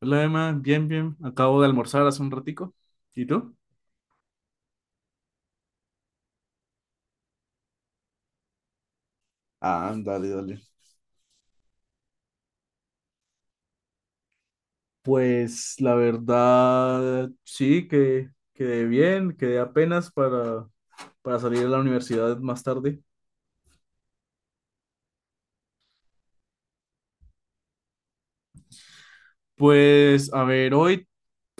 Hola Emma, bien, bien. Acabo de almorzar hace un ratico. ¿Y tú? Ah, dale, dale. Pues la verdad, sí, que quedé bien, quedé apenas para salir de la universidad más tarde. Pues a ver,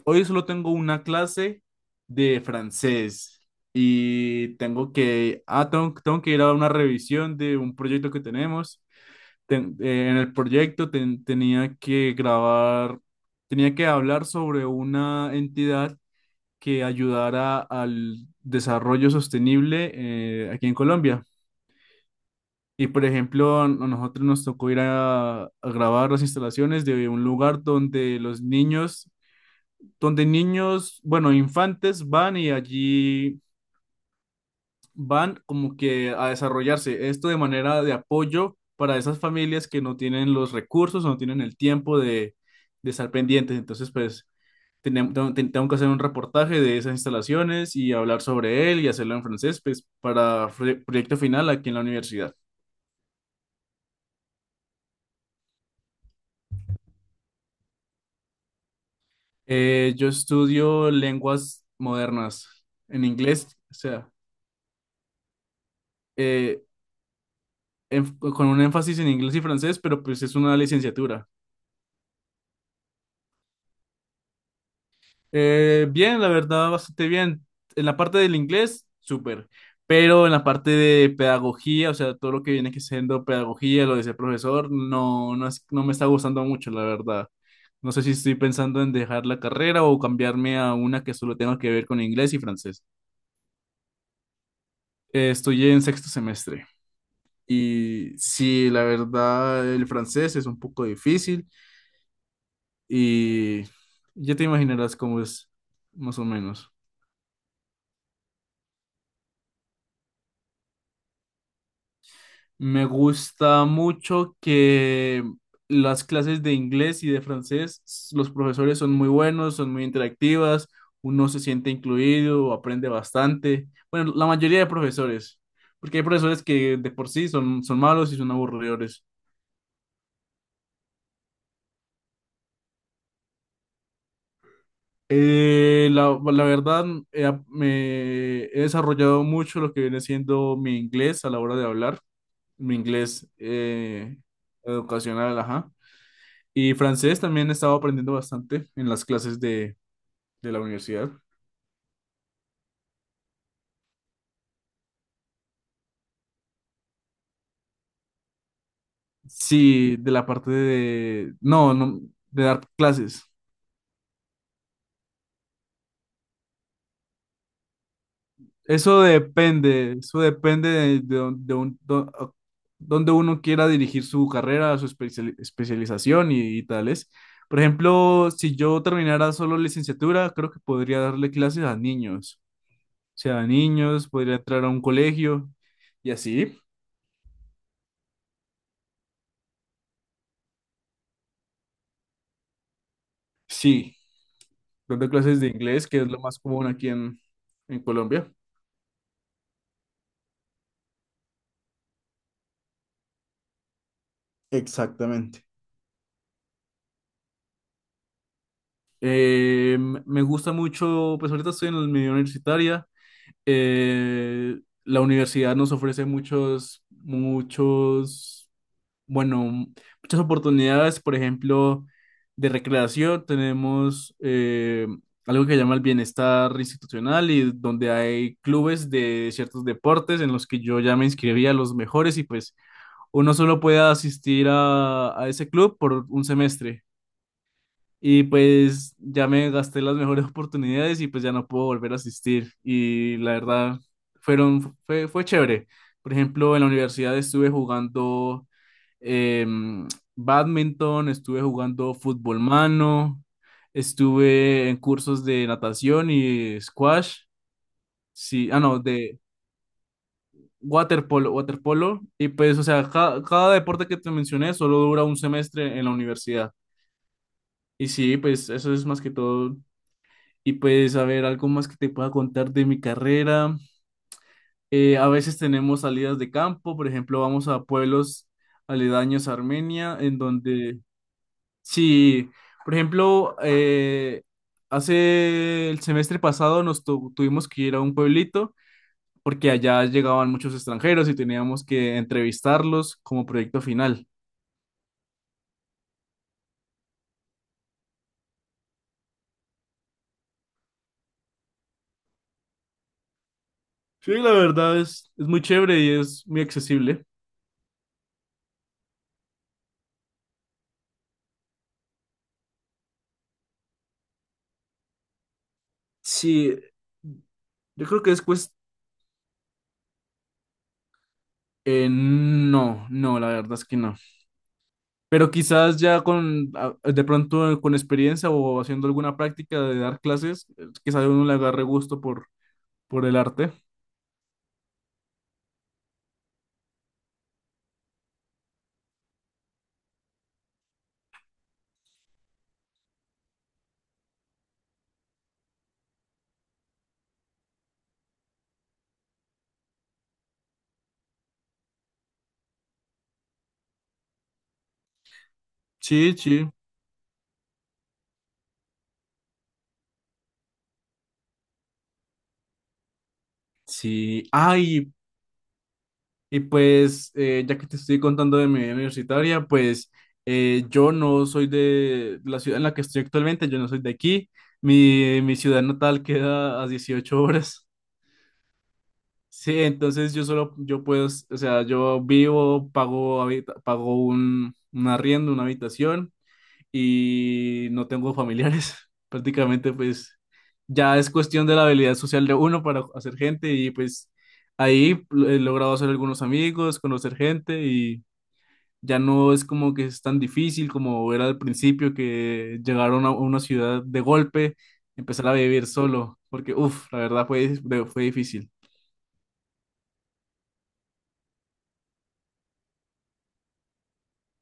hoy solo tengo una clase de francés y tengo que, tengo que ir a una revisión de un proyecto que tenemos en el proyecto tenía que grabar, tenía que hablar sobre una entidad que ayudara al desarrollo sostenible aquí en Colombia. Y por ejemplo, a nosotros nos tocó ir a grabar las instalaciones de un lugar donde los niños, donde niños, bueno, infantes van y allí van como que a desarrollarse esto de manera de apoyo para esas familias que no tienen los recursos, no tienen el tiempo de estar pendientes. Entonces, pues, tengo que hacer un reportaje de esas instalaciones y hablar sobre él y hacerlo en francés, pues, para proyecto final aquí en la universidad. Yo estudio lenguas modernas en inglés, o sea, eh, con un énfasis en inglés y francés, pero pues es una licenciatura. Bien, la verdad, bastante bien. En la parte del inglés, súper. Pero en la parte de pedagogía, o sea, todo lo que viene que siendo pedagogía, lo de ser profesor, no me está gustando mucho, la verdad. No sé si estoy pensando en dejar la carrera o cambiarme a una que solo tenga que ver con inglés y francés. Estoy en sexto semestre y sí, la verdad, el francés es un poco difícil y ya te imaginarás cómo es, más o menos. Me gusta mucho que las clases de inglés y de francés, los profesores son muy buenos, son muy interactivas, uno se siente incluido, aprende bastante. Bueno, la mayoría de profesores, porque hay profesores que de por sí son malos y son aburridores. La verdad, me he desarrollado mucho lo que viene siendo mi inglés a la hora de hablar, mi inglés educacional, ajá. Y francés también estaba aprendiendo bastante en las clases de la universidad. Sí, de la parte de. No, no, de dar clases. Eso depende de, don- de un- do- a- donde uno quiera dirigir su carrera, su especialización y tales. Por ejemplo, si yo terminara solo licenciatura, creo que podría darle clases a niños. O sea, a niños, podría entrar a un colegio y así. Sí, dando clases de inglés, que es lo más común aquí en Colombia. Exactamente. Eh, me gusta mucho, pues ahorita estoy en la medio universitaria. Eh, la universidad nos ofrece muchos, bueno, muchas oportunidades, por ejemplo, de recreación. Tenemos algo que llama el bienestar institucional y donde hay clubes de ciertos deportes en los que yo ya me inscribí a los mejores y pues uno solo puede asistir a ese club por un semestre. Y pues ya me gasté las mejores oportunidades y pues ya no puedo volver a asistir. Y la verdad, fue chévere. Por ejemplo, en la universidad estuve jugando em, badminton, estuve jugando fútbol mano, estuve en cursos de natación y squash. Sí, no, de waterpolo, y pues, o sea, cada, deporte que te mencioné solo dura un semestre en la universidad. Y sí, pues eso es más que todo. Y pues, a ver, algo más que te pueda contar de mi carrera. A veces tenemos salidas de campo, por ejemplo, vamos a pueblos aledaños a Armenia, en donde, sí, por ejemplo, hace el semestre pasado nos tuvimos que ir a un pueblito porque allá llegaban muchos extranjeros y teníamos que entrevistarlos como proyecto final. Sí, la verdad es muy chévere y es muy accesible. Sí, yo creo que no, no, la verdad es que no. Pero quizás ya de pronto con experiencia o haciendo alguna práctica de dar clases, quizás uno le agarre gusto por el arte. Sí, sí. Sí. Ay. Y pues, ya que te estoy contando de mi vida universitaria, pues yo no soy de la ciudad en la que estoy actualmente, yo no soy de aquí. Mi ciudad natal queda a 18 horas. Sí, entonces yo solo, yo puedo, o sea, yo vivo, pago un arriendo, una habitación y no tengo familiares. Prácticamente, pues ya es cuestión de la habilidad social de uno para hacer gente y pues ahí he logrado hacer algunos amigos, conocer gente y ya no es como que es tan difícil como era al principio que llegaron a una ciudad de golpe, empezar a vivir solo, porque uff, la verdad fue difícil.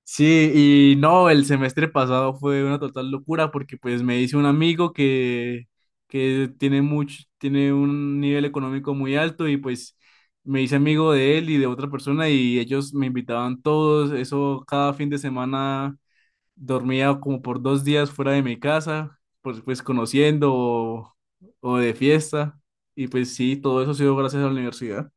Sí, y no, el semestre pasado fue una total locura porque pues me hice un amigo que tiene mucho, tiene un nivel económico muy alto y pues me hice amigo de él y de otra persona y ellos me invitaban todos, eso cada fin de semana dormía como por 2 días fuera de mi casa, pues conociendo o de fiesta y pues sí, todo eso ha sido gracias a la universidad.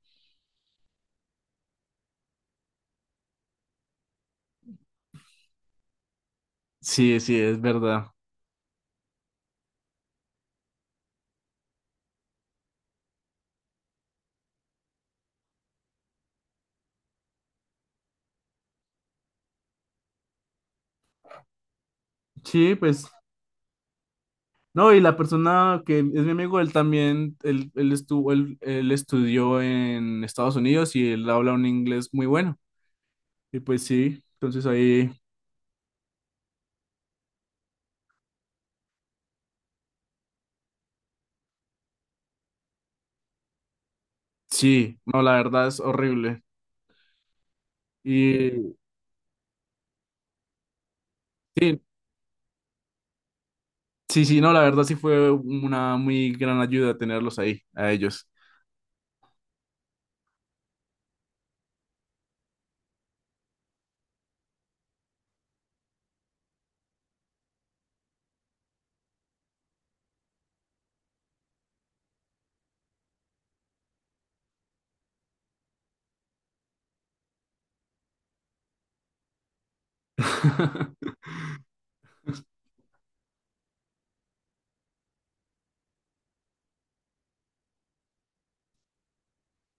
Sí, sí, es verdad. Sí, pues. No, y la persona que es mi amigo, él también, él estuvo, él estudió en Estados Unidos y él habla un inglés muy bueno. Y pues sí, entonces ahí, sí, no, la verdad es horrible. Y sí, sí, sí, no, la verdad sí fue una muy gran ayuda tenerlos ahí, a ellos.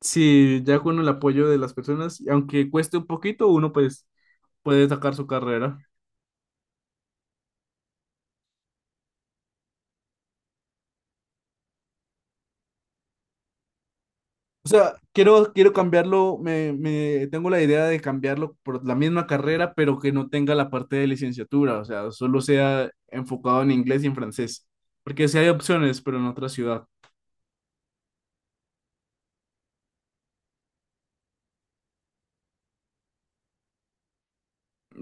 Sí, ya con el apoyo de las personas, y aunque cueste un poquito, uno pues puede sacar su carrera. O sea, quiero cambiarlo, tengo la idea de cambiarlo por la misma carrera, pero que no tenga la parte de licenciatura, o sea, solo sea enfocado en inglés y en francés, porque sí hay opciones, pero en otra ciudad.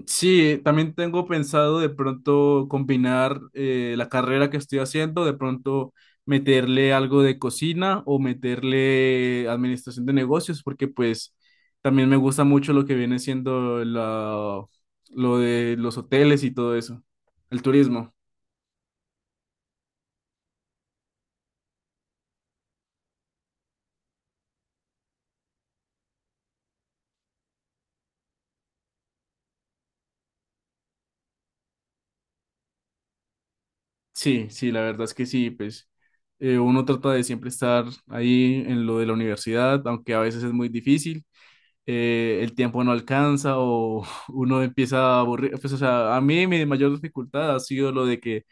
Sí, también tengo pensado de pronto combinar la carrera que estoy haciendo, de pronto meterle algo de cocina o meterle administración de negocios, porque pues también me gusta mucho lo que viene siendo lo de los hoteles y todo eso, el turismo. Sí, sí, la verdad es que sí, pues uno trata de siempre estar ahí en lo de la universidad, aunque a veces es muy difícil. El tiempo no alcanza o uno empieza a aburrir. Pues, o sea, a mí mi mayor dificultad ha sido lo de que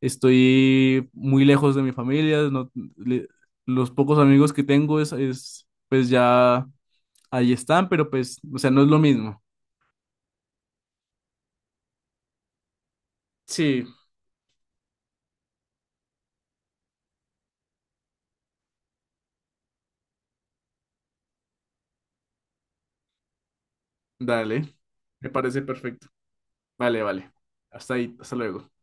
estoy muy lejos de mi familia, le- los pocos amigos que tengo es, pues ya ahí están, pero pues, o sea, no es lo mismo. Sí, dale, me parece perfecto. Vale, vale. Hasta ahí, hasta luego.